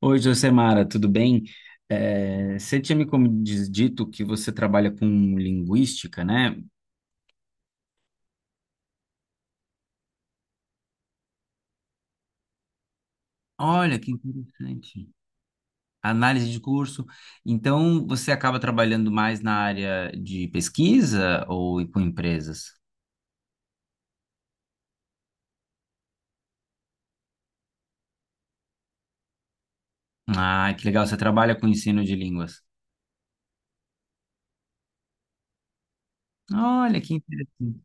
Oi, Josemara, tudo bem? Você tinha me dito que você trabalha com linguística, né? Olha, que interessante. Análise de curso. Então, você acaba trabalhando mais na área de pesquisa ou com empresas? Ah, que legal, você trabalha com ensino de línguas. Olha, que interessante.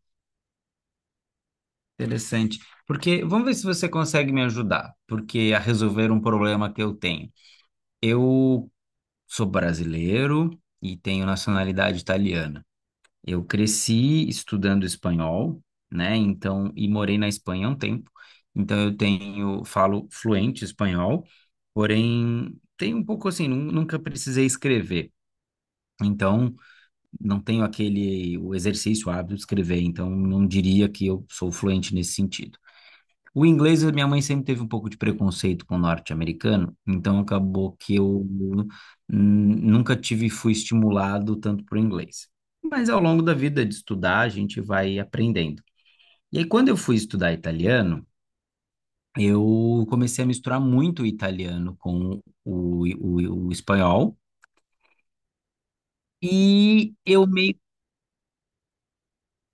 Interessante. Porque, vamos ver se você consegue me ajudar, porque a resolver um problema que eu tenho. Eu sou brasileiro e tenho nacionalidade italiana. Eu cresci estudando espanhol, né? Então, e morei na Espanha há um tempo. Então, eu tenho, falo fluente espanhol, porém, tem um pouco assim, nunca precisei escrever. Então, não tenho aquele, o exercício, o hábito de escrever. Então, não diria que eu sou fluente nesse sentido. O inglês, a minha mãe sempre teve um pouco de preconceito com o norte-americano, então acabou que eu nunca tive, fui estimulado tanto por inglês. Mas ao longo da vida de estudar, a gente vai aprendendo. E aí, quando eu fui estudar italiano, eu comecei a misturar muito o italiano com o espanhol, e eu meio.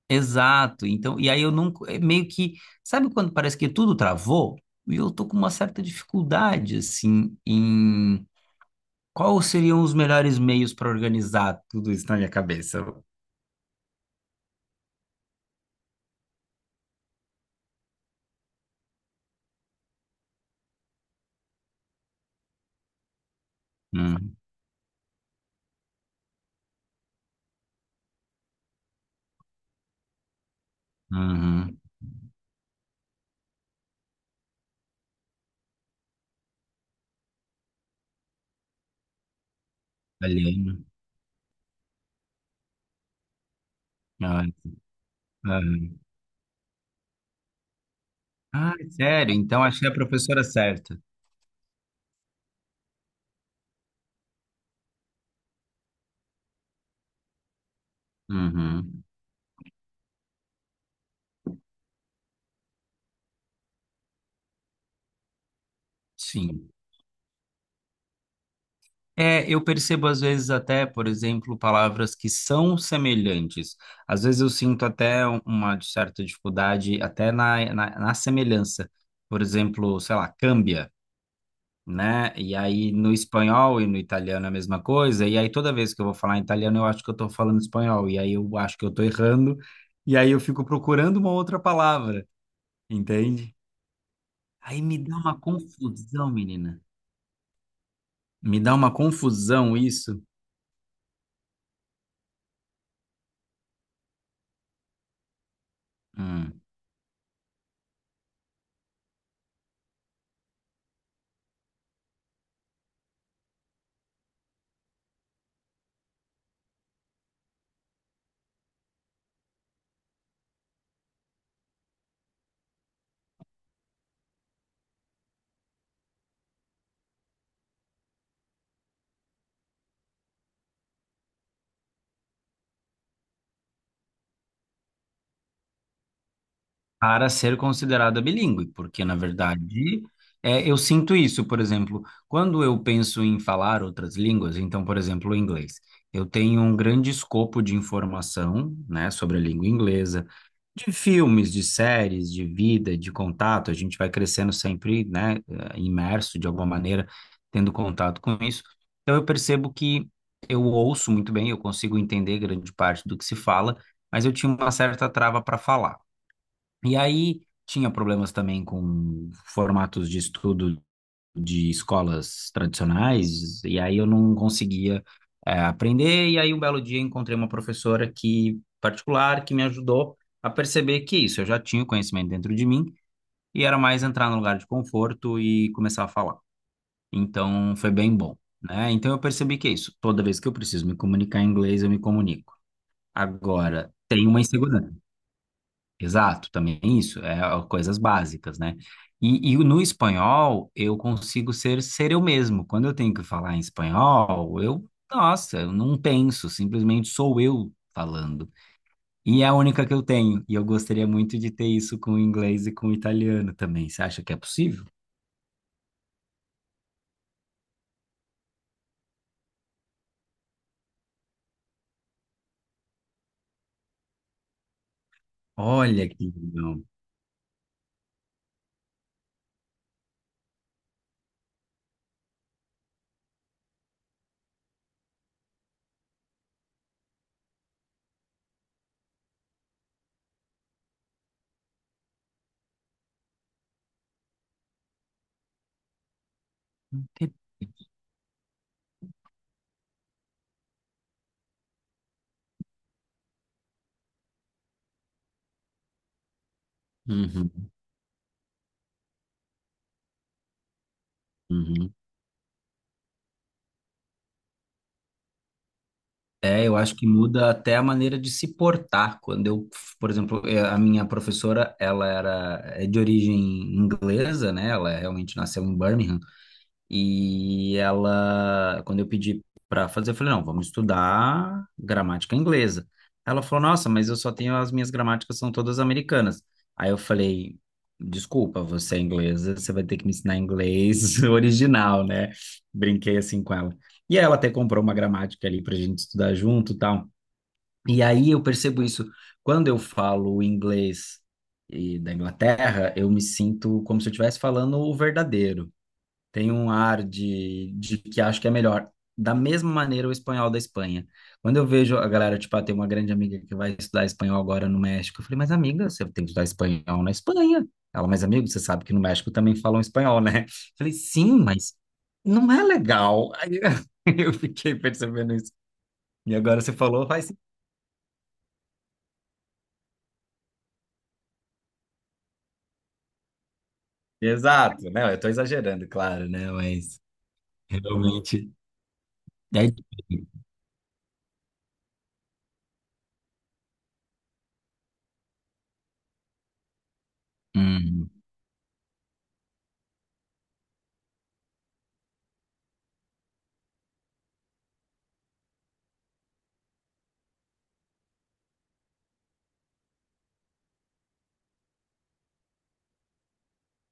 Exato, então, e aí eu nunca, é meio que, sabe quando parece que tudo travou? E eu tô com uma certa dificuldade, assim, em quais seriam os melhores meios para organizar tudo isso na minha cabeça? Hum, uhum, olhei. Ah, uhum. Ah, sério? Então achei a professora certa. Uhum, sim. É, eu percebo às vezes até, por exemplo, palavras que são semelhantes. Às vezes eu sinto até uma certa dificuldade até na semelhança. Por exemplo, sei lá, câmbia, né? E aí no espanhol e no italiano é a mesma coisa, e aí toda vez que eu vou falar em italiano eu acho que eu tô falando espanhol, e aí eu acho que eu tô errando, e aí eu fico procurando uma outra palavra, entende? Aí me dá uma confusão, menina. Me dá uma confusão isso. Hum. Para ser considerada bilíngue, porque na verdade é, eu sinto isso, por exemplo, quando eu penso em falar outras línguas, então, por exemplo, o inglês, eu tenho um grande escopo de informação, né, sobre a língua inglesa, de filmes, de séries, de vida, de contato, a gente vai crescendo sempre, né, imerso de alguma maneira, tendo contato com isso. Então eu percebo que eu ouço muito bem, eu consigo entender grande parte do que se fala, mas eu tinha uma certa trava para falar. E aí tinha problemas também com formatos de estudo de escolas tradicionais, e aí eu não conseguia, aprender. E aí um belo dia encontrei uma professora que particular que me ajudou a perceber que isso, eu já tinha o conhecimento dentro de mim e era mais entrar no lugar de conforto e começar a falar. Então foi bem bom, né? Então eu percebi que é isso. Toda vez que eu preciso me comunicar em inglês, eu me comunico. Agora, tem uma insegurança. Exato, também é isso, é ó, coisas básicas, né? E no espanhol eu consigo ser eu mesmo. Quando eu tenho que falar em espanhol, eu, nossa, eu não penso, simplesmente sou eu falando. E é a única que eu tenho, e eu gostaria muito de ter isso com o inglês e com o italiano também. Você acha que é possível? Olha que legal. Uhum, uhum. É, eu acho que muda até a maneira de se portar. Quando eu, por exemplo, a minha professora, ela era é de origem inglesa, né? Ela realmente nasceu em Birmingham. E ela, quando eu pedi para fazer, eu falei, não, vamos estudar gramática inglesa. Ela falou, nossa, mas eu só tenho as minhas gramáticas são todas americanas. Aí eu falei, desculpa, você é inglesa, você vai ter que me ensinar inglês original, né? Brinquei assim com ela. E aí ela até comprou uma gramática ali pra gente estudar junto, e tal. E aí eu percebo isso quando eu falo inglês e da Inglaterra, eu me sinto como se eu estivesse falando o verdadeiro, tem um ar de que acho que é melhor. Da mesma maneira, o espanhol da Espanha. Quando eu vejo a galera, tipo, ah, tem uma grande amiga que vai estudar espanhol agora no México, eu falei, mas amiga, você tem que estudar espanhol na Espanha. Ela, mas amigo, você sabe que no México também falam espanhol, né? Eu falei, sim, mas não é legal. Aí eu fiquei percebendo isso. E agora você falou, faz sentido. Exato, né? Eu tô exagerando, claro, né? Mas realmente. É... difícil. Hum,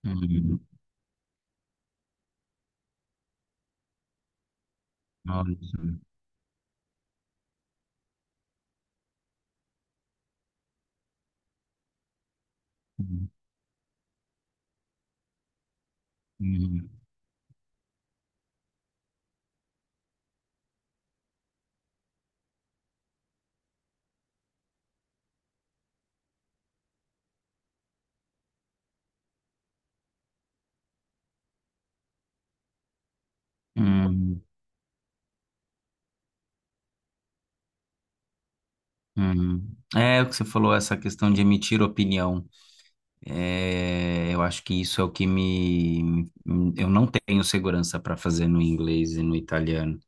hum, nossa. Hum, hum, hum. Hum, É o que você falou, essa questão de emitir opinião. É, eu acho que isso é o que me. Eu não tenho segurança para fazer no inglês e no italiano.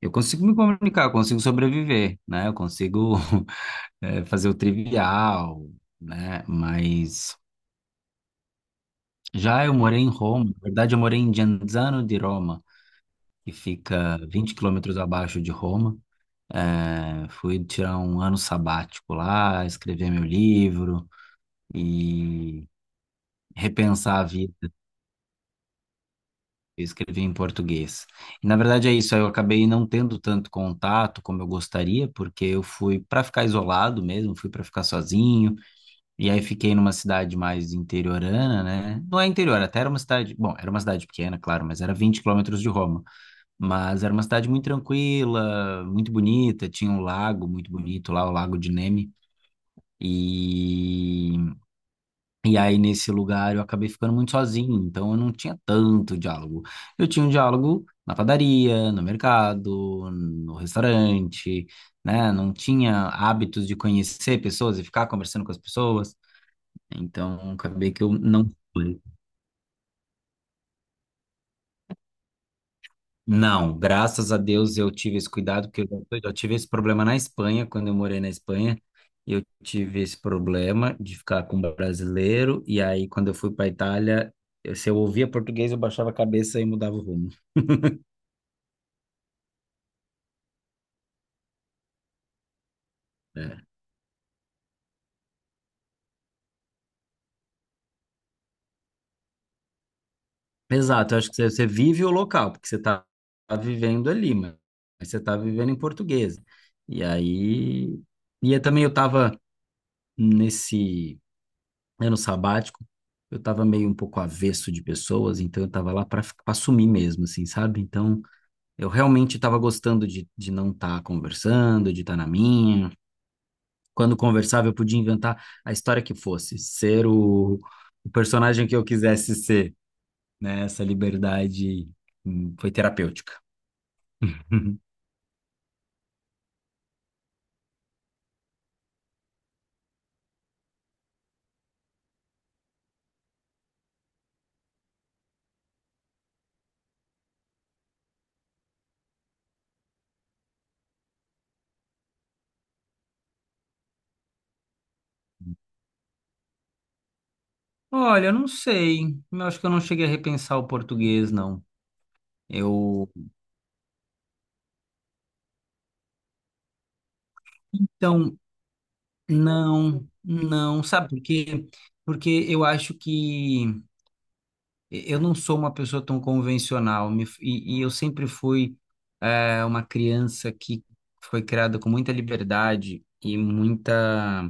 Eu consigo me comunicar, eu consigo sobreviver, né? Eu consigo fazer o trivial, né? Mas já eu morei em Roma, na verdade, eu morei em Genzano di Roma, que fica 20 km abaixo de Roma. É, fui tirar um ano sabático lá, escrever meu livro e repensar a vida. Eu escrevi em português. E, na verdade é isso, eu acabei não tendo tanto contato como eu gostaria, porque eu fui para ficar isolado mesmo, fui para ficar sozinho, e aí fiquei numa cidade mais interiorana, né? Não é interior, até era uma cidade, bom, era uma cidade pequena, claro, mas era 20 km de Roma, mas era uma cidade muito tranquila, muito bonita, tinha um lago muito bonito lá, o Lago de Nemi, e E aí, nesse lugar, eu acabei ficando muito sozinho, então eu não tinha tanto diálogo. Eu tinha um diálogo na padaria, no mercado, no restaurante, né? Não tinha hábitos de conhecer pessoas e ficar conversando com as pessoas. Então, acabei que eu não fui. Não, graças a Deus eu tive esse cuidado, porque eu tive esse problema na Espanha, quando eu morei na Espanha, eu tive esse problema de ficar com brasileiro, e aí quando eu fui para Itália, se eu ouvia português, eu baixava a cabeça e mudava o rumo. É. Exato, eu acho que você vive o local, porque você está vivendo ali, mas você está vivendo em português. E aí, e eu também eu estava nesse ano sabático, eu tava meio um pouco avesso de pessoas, então eu tava lá para sumir mesmo, assim, sabe? Então eu realmente tava gostando de não estar conversando, de estar na minha. Quando conversava, eu podia inventar a história que fosse, ser o personagem que eu quisesse ser, né? Essa liberdade foi terapêutica. Olha, eu não sei. Eu acho que eu não cheguei a repensar o português, não. Eu. Então, não, não, sabe por quê? Porque eu acho que eu não sou uma pessoa tão convencional e eu sempre fui uma criança que foi criada com muita liberdade e muita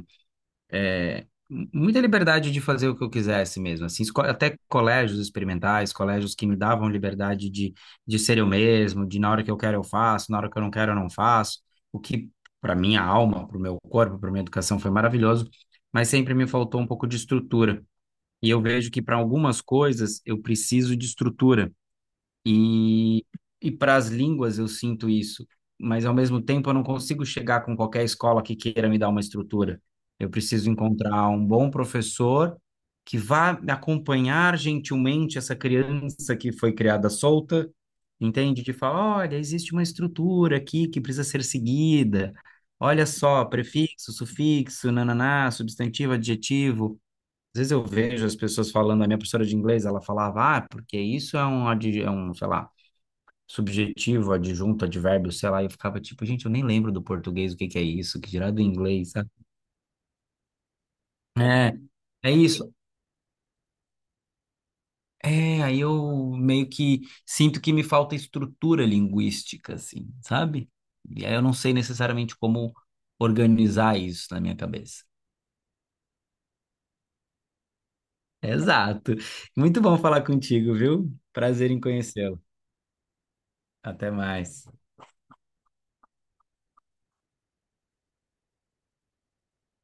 é, muita liberdade de fazer o que eu quisesse mesmo, assim, até colégios experimentais, colégios que me davam liberdade de ser eu mesmo, de na hora que eu quero eu faço, na hora que eu não quero eu não faço, o que para minha alma, para o meu corpo, para minha educação foi maravilhoso, mas sempre me faltou um pouco de estrutura. E eu vejo que para algumas coisas eu preciso de estrutura. E, e para as línguas eu sinto isso, mas ao mesmo tempo eu não consigo chegar com qualquer escola que queira me dar uma estrutura. Eu preciso encontrar um bom professor que vá acompanhar gentilmente essa criança que foi criada solta, entende? De falar, olha, existe uma estrutura aqui que precisa ser seguida. Olha só, prefixo, sufixo, nananá, substantivo, adjetivo. Às vezes eu vejo as pessoas falando, a minha professora de inglês, ela falava, ah, porque isso é um, um, sei lá, subjetivo, adjunto, advérbio, sei lá, e eu ficava tipo, gente, eu nem lembro do português o que que é isso, que dirá do inglês, sabe? É, é isso. É, aí eu meio que sinto que me falta estrutura linguística, assim, sabe? E aí eu não sei necessariamente como organizar isso na minha cabeça. Exato. Muito bom falar contigo, viu? Prazer em conhecê-lo. Até mais.